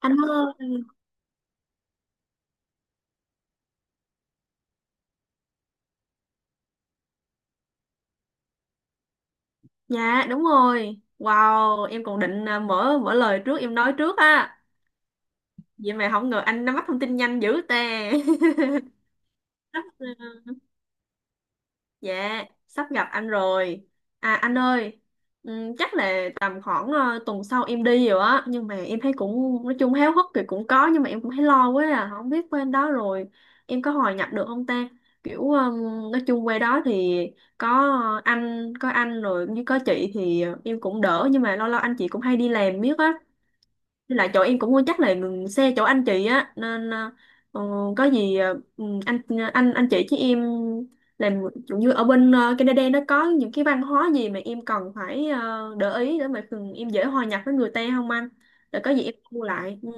Anh ơi, dạ đúng rồi. Wow, em còn định mở mở lời trước em nói trước á. Vậy mà không ngờ anh nắm bắt thông tin nhanh dữ tè. Dạ, sắp gặp anh rồi. À anh ơi, chắc là tầm khoảng tuần sau em đi rồi á, nhưng mà em thấy cũng nói chung háo hức thì cũng có nhưng mà em cũng thấy lo quá à, không biết bên đó rồi em có hòa nhập được không ta? Kiểu nói chung quê đó thì có có anh rồi như có chị thì em cũng đỡ nhưng mà lâu lâu anh chị cũng hay đi làm biết á. Với lại chỗ em cũng chắc là ngừng xe chỗ anh chị á nên ờ, có gì anh anh chị với em làm kiểu như ở bên Canada nó có những cái văn hóa gì mà em cần phải để ý để mà thường em dễ hòa nhập với người ta không anh? Để có gì em mua lại. Ừ.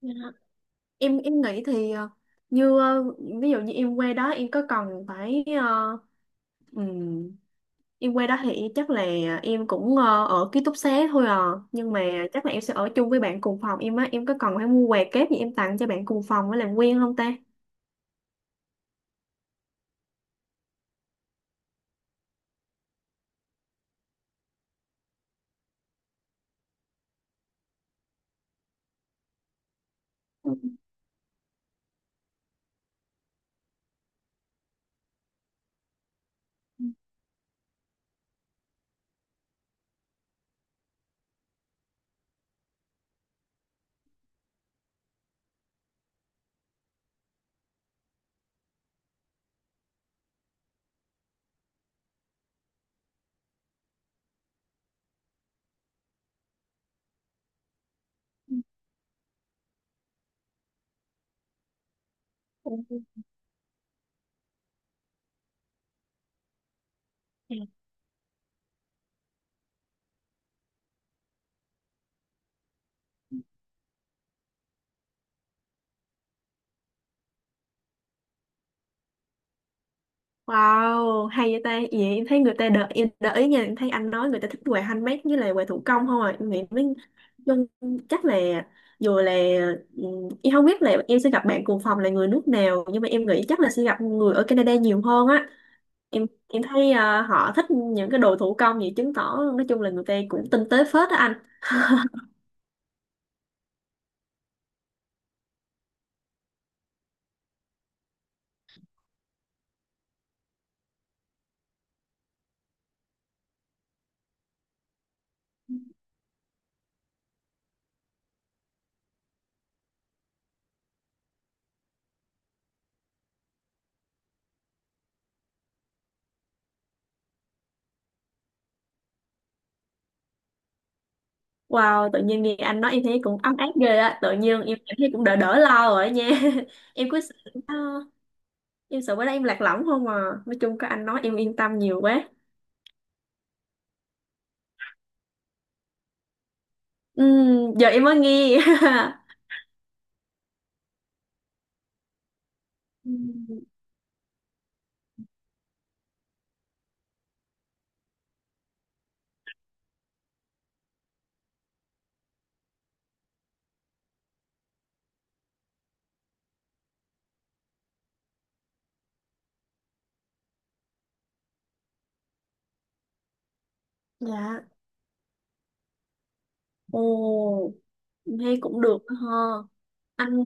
Dạ. Em nghĩ thì như ví dụ như em qua đó em có cần phải ừ, em qua đó thì chắc là em cũng ở ký túc xá thôi à. Nhưng mà chắc là em sẽ ở chung với bạn cùng phòng em á. Em có cần phải mua quà kép gì em tặng cho bạn cùng phòng để làm quen không ta? Ừ, ừ, ừ, ừ. ừ. Wow, hay vậy ta. Vậy em thấy người ta đợi em đợi ý nha, em thấy anh nói người ta thích quà handmade với lại quà thủ công không à. Em nghĩ mới nhưng chắc là dù là em không biết là em sẽ gặp bạn cùng phòng là người nước nào nhưng mà em nghĩ chắc là sẽ gặp người ở Canada nhiều hơn á. Em thấy à, họ thích những cái đồ thủ công vậy chứng tỏ nói chung là người ta cũng tinh tế phết á anh. Wow, tự nhiên nghe anh nói em thấy cũng ấm áp ghê á, tự nhiên em cảm thấy cũng đỡ đỡ lo rồi á nha. Em cứ sợ, à, em sợ bữa nay em lạc lõng không à, nói chung có anh nói em yên tâm nhiều quá. Giờ em mới nghe. Ừm, dạ, ồ em thấy cũng được đó ha anh.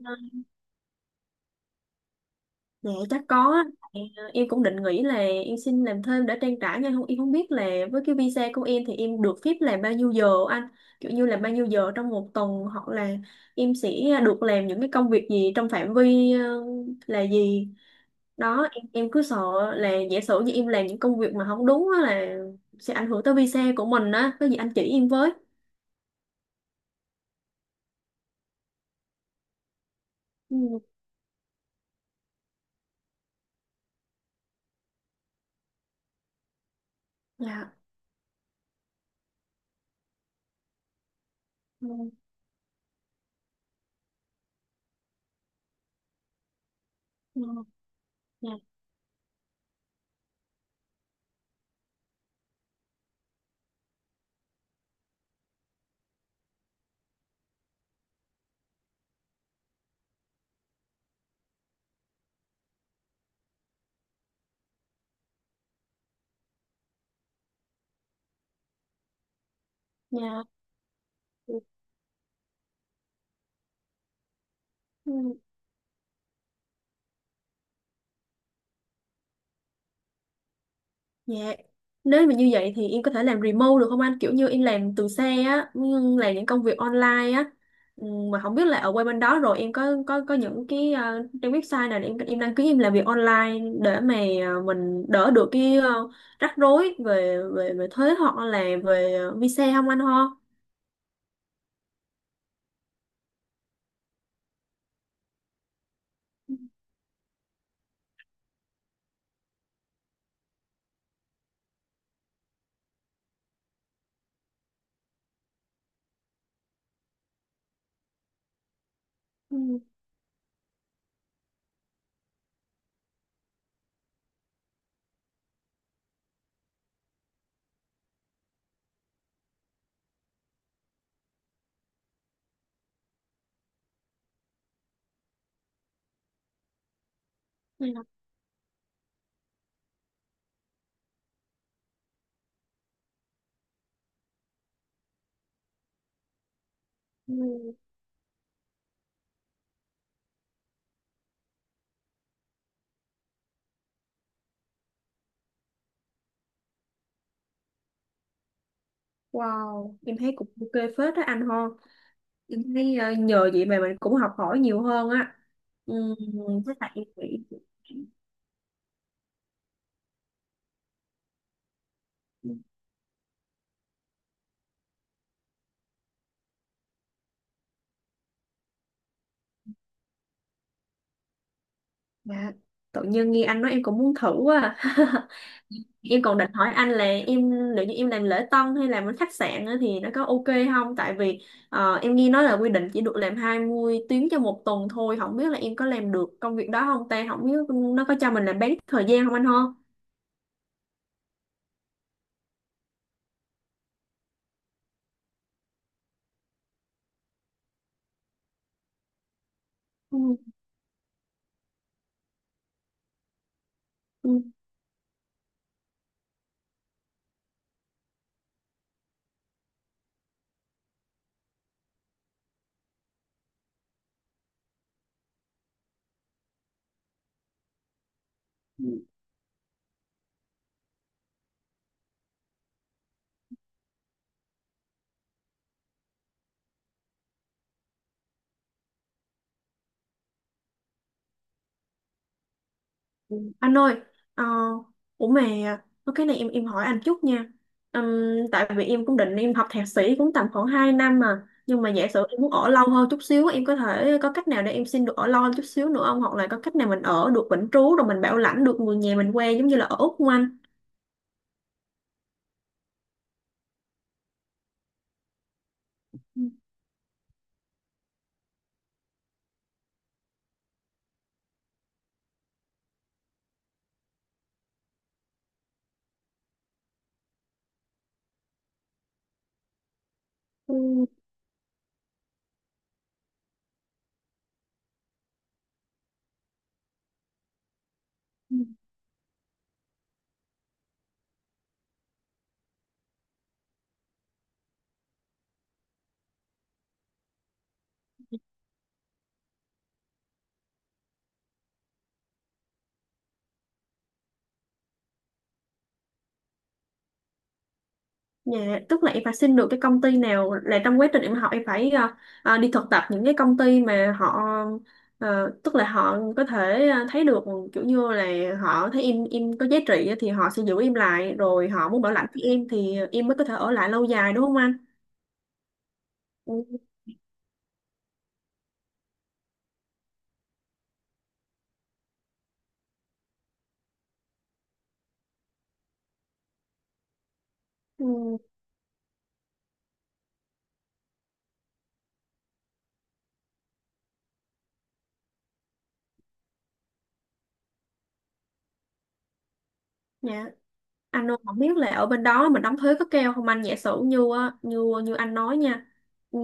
Dạ chắc có á. Tại, em cũng định nghĩ là em xin làm thêm để trang trải nhưng không em không biết là với cái visa của em thì em được phép làm bao nhiêu giờ anh, kiểu như là bao nhiêu giờ trong một tuần hoặc là em sẽ được làm những cái công việc gì trong phạm vi là gì đó. Em cứ sợ là giả sử như em làm những công việc mà không đúng á là sẽ ảnh hưởng tới visa của mình á, có gì anh chỉ em với. Ừ. Dạ. Ừ. dạ dạ. Dạ. Ừ. Dạ. Nếu mà như vậy thì em có thể làm remote được không anh? Kiểu như em làm từ xa á, nhưng làm những công việc online á. Ừ, mà không biết là ở qua bên đó rồi em có có những cái trang website nào để em đăng ký em làm việc online để mà mình đỡ được cái rắc rối về về về thuế hoặc là về visa không anh ho? Ừ, vậy là- Ừ. Wow, em thấy cũng ok phết đó anh ho. Em thấy nhờ vậy mà mình cũng học hỏi nhiều hơn á. Ừ, với lại em nghĩ. Dạ. Tự nhiên nghe anh nói em cũng muốn thử quá à. Em còn định hỏi anh là em, nếu như em làm lễ tân hay làm ở khách sạn á thì nó có ok không? Tại vì em nghe nói là quy định chỉ được làm 20 tiếng cho một tuần thôi. Không biết là em có làm được công việc đó không ta? Không biết nó có cho mình làm bán thời gian không anh ho? Ừ. Anh ơi, ờ, ủa mà có cái này em hỏi anh chút nha. Ừm, tại vì em cũng định em học thạc sĩ cũng tầm khoảng 2 năm mà, nhưng mà giả sử em muốn ở lâu hơn chút xíu, em có thể có cách nào để em xin được ở lâu hơn chút xíu nữa không? Hoặc là có cách nào mình ở được vĩnh trú rồi mình bảo lãnh được người nhà mình qua giống như là ở Úc không anh? Ừ. Dạ, tức là em phải xin được cái công ty nào là trong quá trình em học em phải đi thực tập những cái công ty mà họ tức là họ có thể thấy được kiểu như là họ thấy em có giá trị á thì họ sẽ giữ em lại rồi họ muốn bảo lãnh với em thì em mới có thể ở lại lâu dài đúng không anh? Ừ. Ừ. Dạ. Anh Nô không biết là ở bên đó mình đóng thuế có keo không anh, giả sử như á, như như anh nói nha. ừ,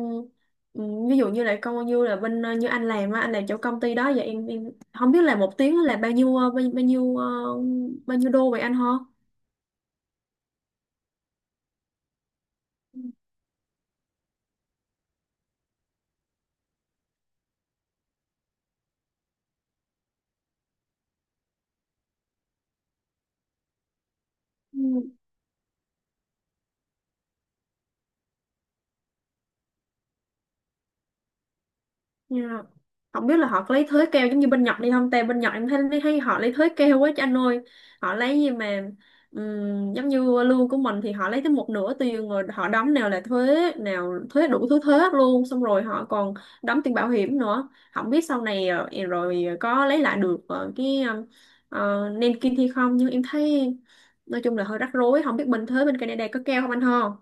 ừ, Ví dụ như là công như là bên như anh làm á, anh làm chỗ công ty đó vậy em không biết là một tiếng là bao nhiêu bao nhiêu bao nhiêu đô vậy anh ho? Ừ. Dạ. Không biết là họ có lấy thới keo giống như bên Nhật đi không? Tại bên Nhật em thấy, thấy họ lấy thới keo quá chứ anh ơi. Họ lấy gì mà giống như lương của mình thì họ lấy tới một nửa tiền rồi họ đóng nào là thuế, nào thuế đủ thứ thuế hết luôn. Xong rồi họ còn đóng tiền bảo hiểm nữa. Không biết sau này rồi có lấy lại được cái nền kinh thì không. Nhưng em thấy nói chung là hơi rắc rối. Không biết bên thuế bên Canada có keo không anh ho?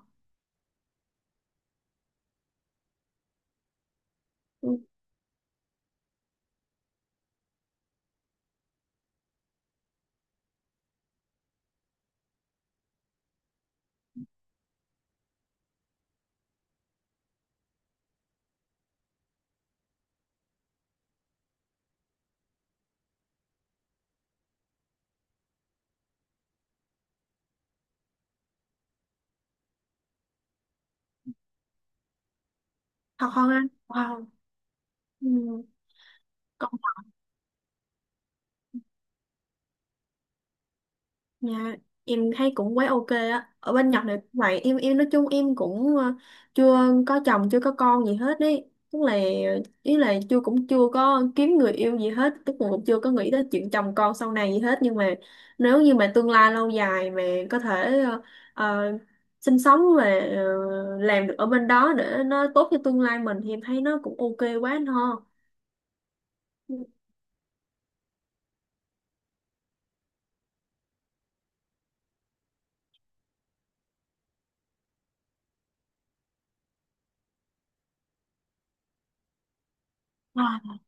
Ừ. Thật không anh? Wow. Ừ. Dạ, em thấy cũng quá ok á. Ở bên Nhật này cũng vậy, em nói chung em cũng chưa có chồng, chưa có con gì hết đấy. Tức là ý là chưa cũng chưa có kiếm người yêu gì hết, tức là cũng chưa có nghĩ tới chuyện chồng con sau này gì hết nhưng mà nếu như mà tương lai lâu dài mà có thể ờ, ờ, sinh sống và làm được ở bên đó để nó tốt cho tương lai mình thì em thấy nó cũng ok quá anh ho. À.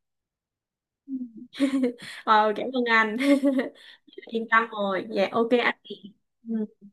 Ờ, cảm ơn anh. Yên tâm rồi, dạ ok anh chị. Ừ.